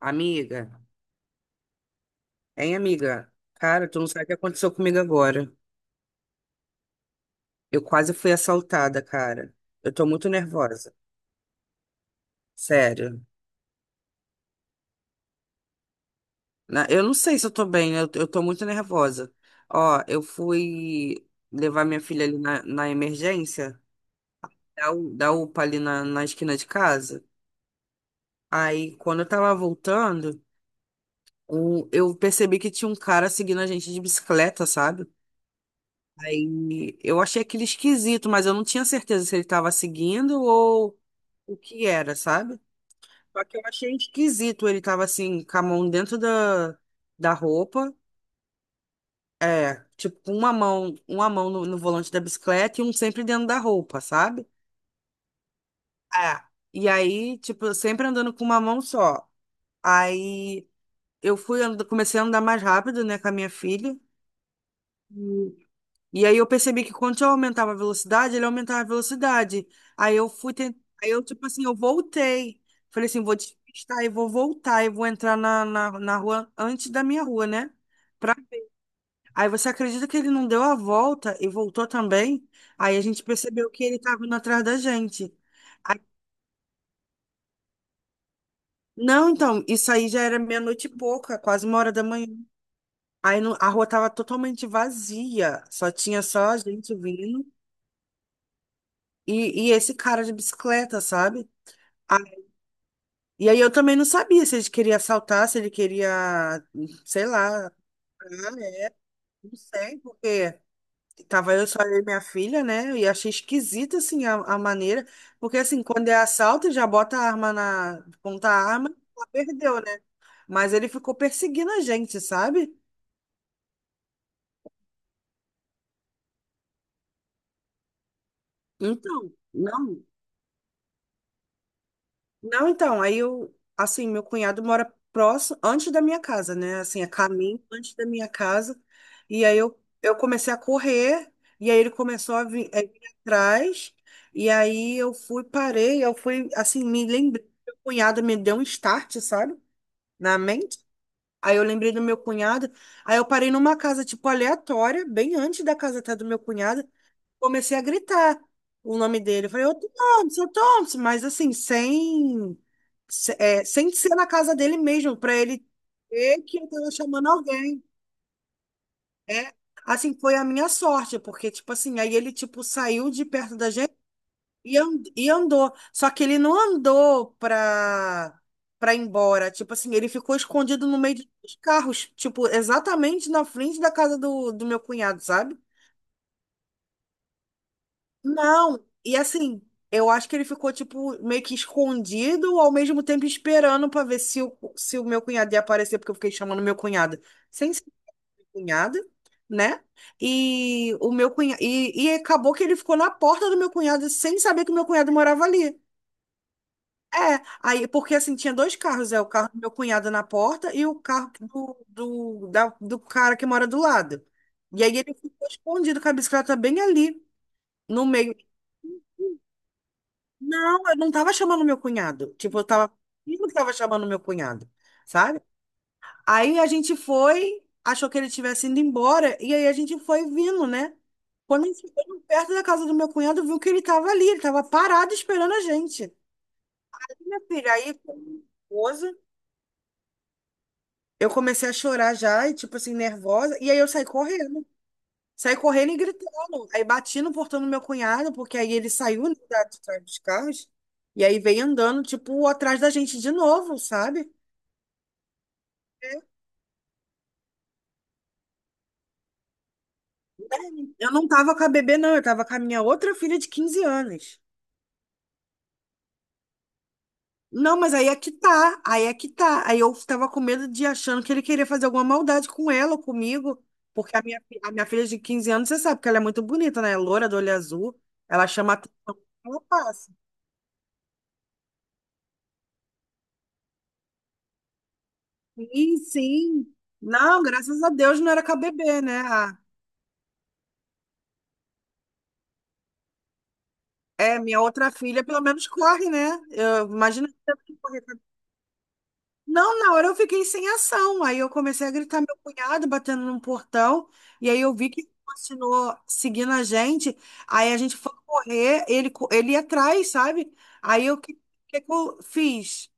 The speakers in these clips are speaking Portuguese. Amiga, hein, amiga? Cara, tu não sabe o que aconteceu comigo agora. Eu quase fui assaltada, cara. Eu tô muito nervosa. Sério. Eu não sei se eu tô bem, eu tô muito nervosa. Ó, eu fui levar minha filha ali na emergência, da UPA ali na esquina de casa. Aí, quando eu tava voltando, eu percebi que tinha um cara seguindo a gente de bicicleta, sabe? Aí eu achei aquele esquisito, mas eu não tinha certeza se ele estava seguindo ou o que era, sabe? Só que eu achei esquisito, ele tava assim, com a mão dentro da roupa, é, tipo, com uma mão no volante da bicicleta e um sempre dentro da roupa, sabe? É. E aí, tipo, eu sempre andando com uma mão só. Aí comecei a andar mais rápido, né, com a minha filha. E aí eu percebi que quando eu aumentava a velocidade, ele aumentava a velocidade. Aí eu fui tent... Aí eu, tipo assim, eu voltei. Falei assim, vou despistar e vou voltar e vou entrar na rua antes da minha rua, né? Pra... Aí você acredita que ele não deu a volta e voltou também? Aí a gente percebeu que ele estava indo atrás da gente. Aí- Não, então, isso aí já era meia-noite e pouca, quase uma hora da manhã. Aí não- A rua tava totalmente vazia, só tinha só a gente vindo. E esse cara de bicicleta, sabe? Ah, e aí eu também não sabia se ele queria assaltar, se ele queria, sei lá, é, não sei, porque tava eu só eu e minha filha, né? E achei esquisita assim a maneira, porque assim, quando é assalto, já bota a arma na, ponta a arma, ela perdeu, né? Mas ele ficou perseguindo a gente, sabe? Então, não. Não, então, aí eu, assim, meu cunhado mora próximo, antes da minha casa, né? Assim, a caminho antes da minha casa. E aí eu comecei a correr, e aí ele começou a vir, atrás, e aí eu fui, parei, eu fui, assim, me lembrei, meu cunhado me deu um start, sabe? Na mente. Aí eu lembrei do meu cunhado, aí eu parei numa casa, tipo, aleatória, bem antes da casa até do meu cunhado, comecei a gritar o nome dele. Eu falei, ô Thompson, seu Thompson, mas assim, sem, se- é, sem ser na casa dele mesmo, para ele ver que eu tava chamando alguém. É, assim, foi a minha sorte, porque, tipo assim, aí ele, tipo, saiu de perto da gente e andou. Só que ele não andou pra ir embora. Tipo assim, ele ficou escondido no meio dos carros, tipo, exatamente na frente da casa do meu cunhado, sabe? Não, e assim, eu acho que ele ficou, tipo, meio que escondido, ao mesmo tempo esperando pra ver se o meu cunhado ia aparecer, porque eu fiquei chamando meu cunhado sem ser meu cunhado, né? E o meu cunhado. E acabou que ele ficou na porta do meu cunhado sem saber que o meu cunhado morava ali. É, aí, porque assim, tinha dois carros, é o carro do meu cunhado na porta e o carro do cara que mora do lado. E aí ele ficou escondido com a bicicleta bem ali, no meio. Não, eu não tava chamando meu cunhado. Tipo, eu tava. Eu não tava chamando meu cunhado, sabe? Aí a gente foi, achou que ele tivesse indo embora, e aí a gente foi vindo, né? Quando a gente chegou perto da casa do meu cunhado, viu que ele tava ali, ele tava parado esperando a gente. Minha filha, aí, como esposa, eu comecei a chorar já, e tipo assim, nervosa, e aí eu saí correndo. Saí correndo e gritando. Aí bati no portão do meu cunhado, porque aí ele saiu né, da de trás dos carros. E aí veio andando, tipo, atrás da gente de novo, sabe? Eu não tava com a bebê, não. Eu tava com a minha outra filha de 15 anos. Não, mas aí é que tá. Aí é que tá. Aí eu tava com medo de achando que ele queria fazer alguma maldade com ela ou comigo. Porque a minha filha de 15 anos, você sabe que ela é muito bonita, né? É loura, do olho azul. Ela chama atenção. Ela passa. Sim, sim. Não, graças a Deus não era KBB, né? Ah, é, minha outra filha pelo menos corre, né? Eu imagino que teve que correr. Não, na hora eu fiquei sem ação. Aí eu comecei a gritar meu cunhado batendo num portão. E aí eu vi que ele continuou seguindo a gente. Aí a gente foi correr, ele ia atrás, sabe? Aí eu, que eu fiz?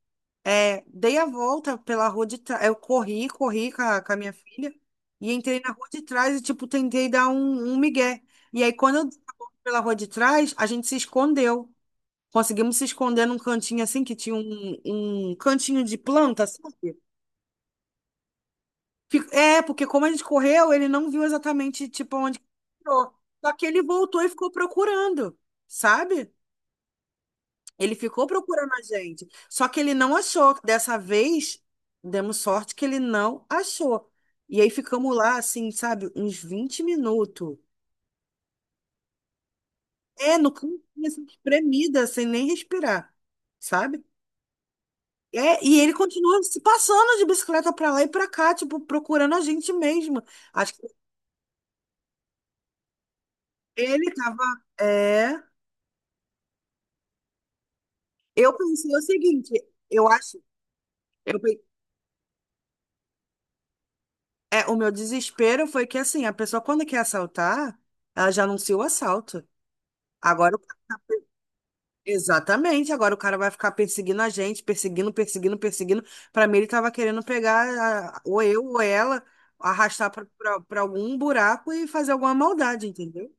É, dei a volta pela rua de trás. Eu corri, corri com a, minha filha e entrei na rua de trás e, tipo, tentei dar um migué. E aí, quando eu dei a volta pela rua de trás, a gente se escondeu. Conseguimos se esconder num cantinho assim, que tinha um cantinho de planta, sabe? Porque como a gente correu, ele não viu exatamente, tipo, onde que entrou. Só que ele voltou e ficou procurando, sabe? Ele ficou procurando a gente. Só que ele não achou. Dessa vez, demos sorte que ele não achou. E aí ficamos lá, assim, sabe, uns 20 minutos. É, no cantinho, assim, espremida, sem nem respirar, sabe? É, e ele continua se passando de bicicleta pra lá e pra cá, tipo, procurando a gente mesmo. Acho que ele tava. É. Eu pensei o seguinte, eu acho. eu pe- o meu desespero foi que, assim, a pessoa, quando quer assaltar, ela já anuncia o assalto. Agora, exatamente, agora o cara vai ficar perseguindo a gente, perseguindo, perseguindo, perseguindo. Pra mim, ele tava querendo pegar ou eu ou ela, arrastar pra algum buraco e fazer alguma maldade, entendeu?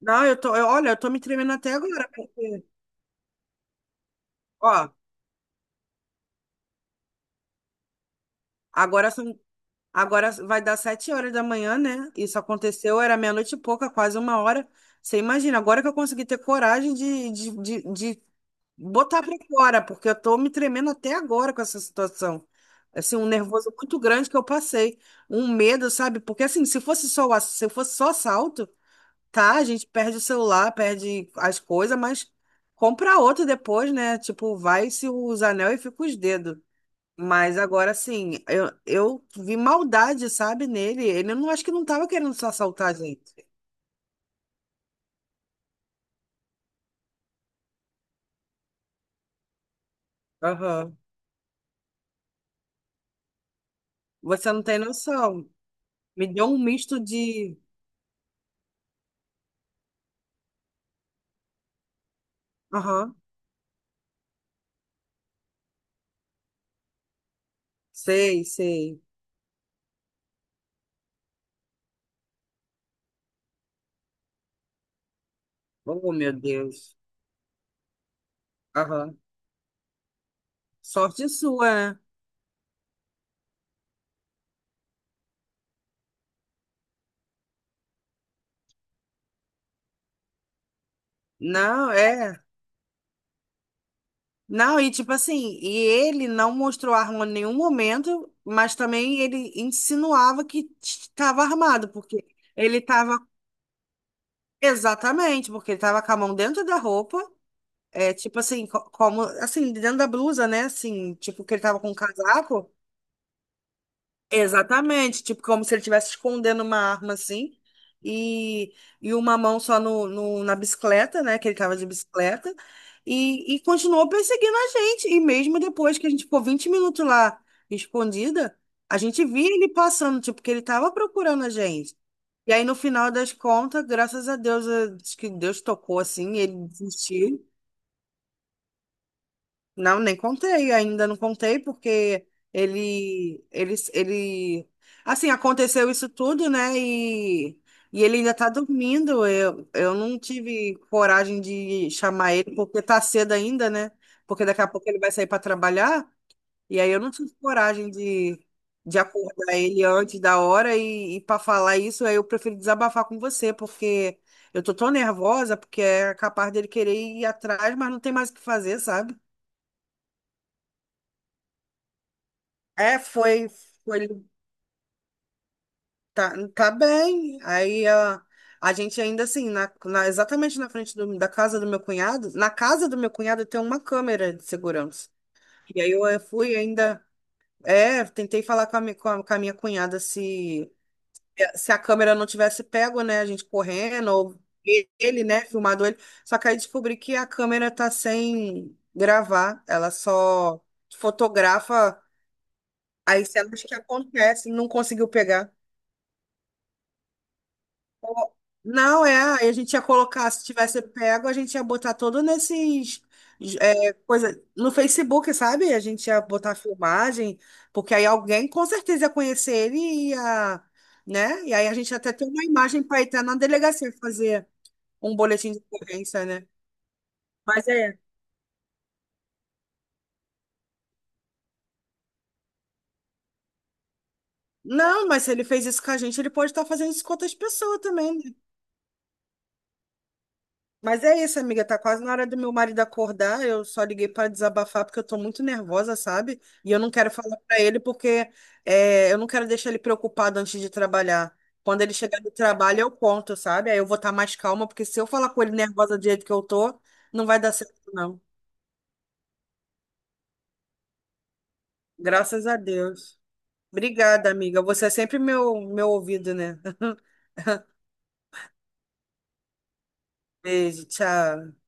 Não, eu tô, olha, eu tô me tremendo até agora, porque, ó, agora são, agora vai dar 7 horas da manhã, né? Isso aconteceu, era meia-noite e pouca, quase uma hora. Você imagina, agora que eu consegui ter coragem de botar pra fora, porque eu tô me tremendo até agora com essa situação. Assim, um nervoso muito grande que eu passei, um medo, sabe? Porque assim, se fosse só o ass- se fosse só assalto, tá, a gente perde o celular, perde as coisas, mas compra outro depois, né? Tipo, vai se os anel e fica os dedos. Mas agora assim, eu vi maldade, sabe, nele. Ele não acho que não tava querendo só assaltar a gente. Aham. Você não tem noção. Me deu um misto de. Aham. Sei, sei. Oh, meu Deus. Aham. Sorte sua, né? Não, é. Não, e tipo assim, e ele não mostrou arma em nenhum momento, mas também ele insinuava que estava armado, porque ele estava. Exatamente, porque ele estava com a mão dentro da roupa, tipo assim, como, assim, dentro da blusa, né? Assim, tipo que ele estava com um casaco. Exatamente, tipo, como se ele estivesse escondendo uma arma assim, e, e uma mão só no, na bicicleta, né? Que ele tava de bicicleta, e continuou perseguindo a gente. E mesmo depois que a gente ficou 20 minutos lá escondida, a gente via ele passando, tipo, que ele tava procurando a gente. E aí, no final das contas, graças a Deus, acho que Deus tocou assim, ele desistiu. Não, nem contei, ainda não contei, porque ele, assim, aconteceu isso tudo, né? E ele ainda tá dormindo. Eu não tive coragem de chamar ele, porque tá cedo ainda, né? Porque daqui a pouco ele vai sair para trabalhar, e aí eu não tive coragem de acordar ele antes da hora e para falar isso, aí eu prefiro desabafar com você, porque eu tô tão nervosa, porque é capaz dele querer ir atrás, mas não tem mais o que fazer, sabe? É, foi, foi, tá, tá bem. Aí a gente ainda assim, exatamente na frente da casa do meu cunhado, na casa do meu cunhado tem uma câmera de segurança. E aí eu fui ainda, tentei falar com a minha cunhada se, a câmera não tivesse pego, né, a gente correndo, ou ele, né, filmado ele. Só que aí descobri que a câmera tá sem gravar, ela só fotografa as cenas que acontecem, não conseguiu pegar. Não, é, aí a gente ia colocar, se tivesse pego, a gente ia botar todo nesses, coisa, no Facebook, sabe? A gente ia botar filmagem, porque aí alguém com certeza ia conhecer ele e ia, né? E aí a gente ia até ter uma imagem para ir até na delegacia fazer um boletim de ocorrência, né? Mas é. Não, mas se ele fez isso com a gente, ele pode estar fazendo isso com outras pessoas também. Mas é isso, amiga. Tá quase na hora do meu marido acordar. Eu só liguei para desabafar porque eu tô muito nervosa, sabe? E eu não quero falar para ele porque eu não quero deixar ele preocupado antes de trabalhar. Quando ele chegar do trabalho, eu conto, sabe? Aí eu vou estar mais calma, porque se eu falar com ele nervosa do jeito que eu tô, não vai dar certo, não. Graças a Deus. Obrigada, amiga. Você é sempre meu ouvido, né? Beijo, tchau.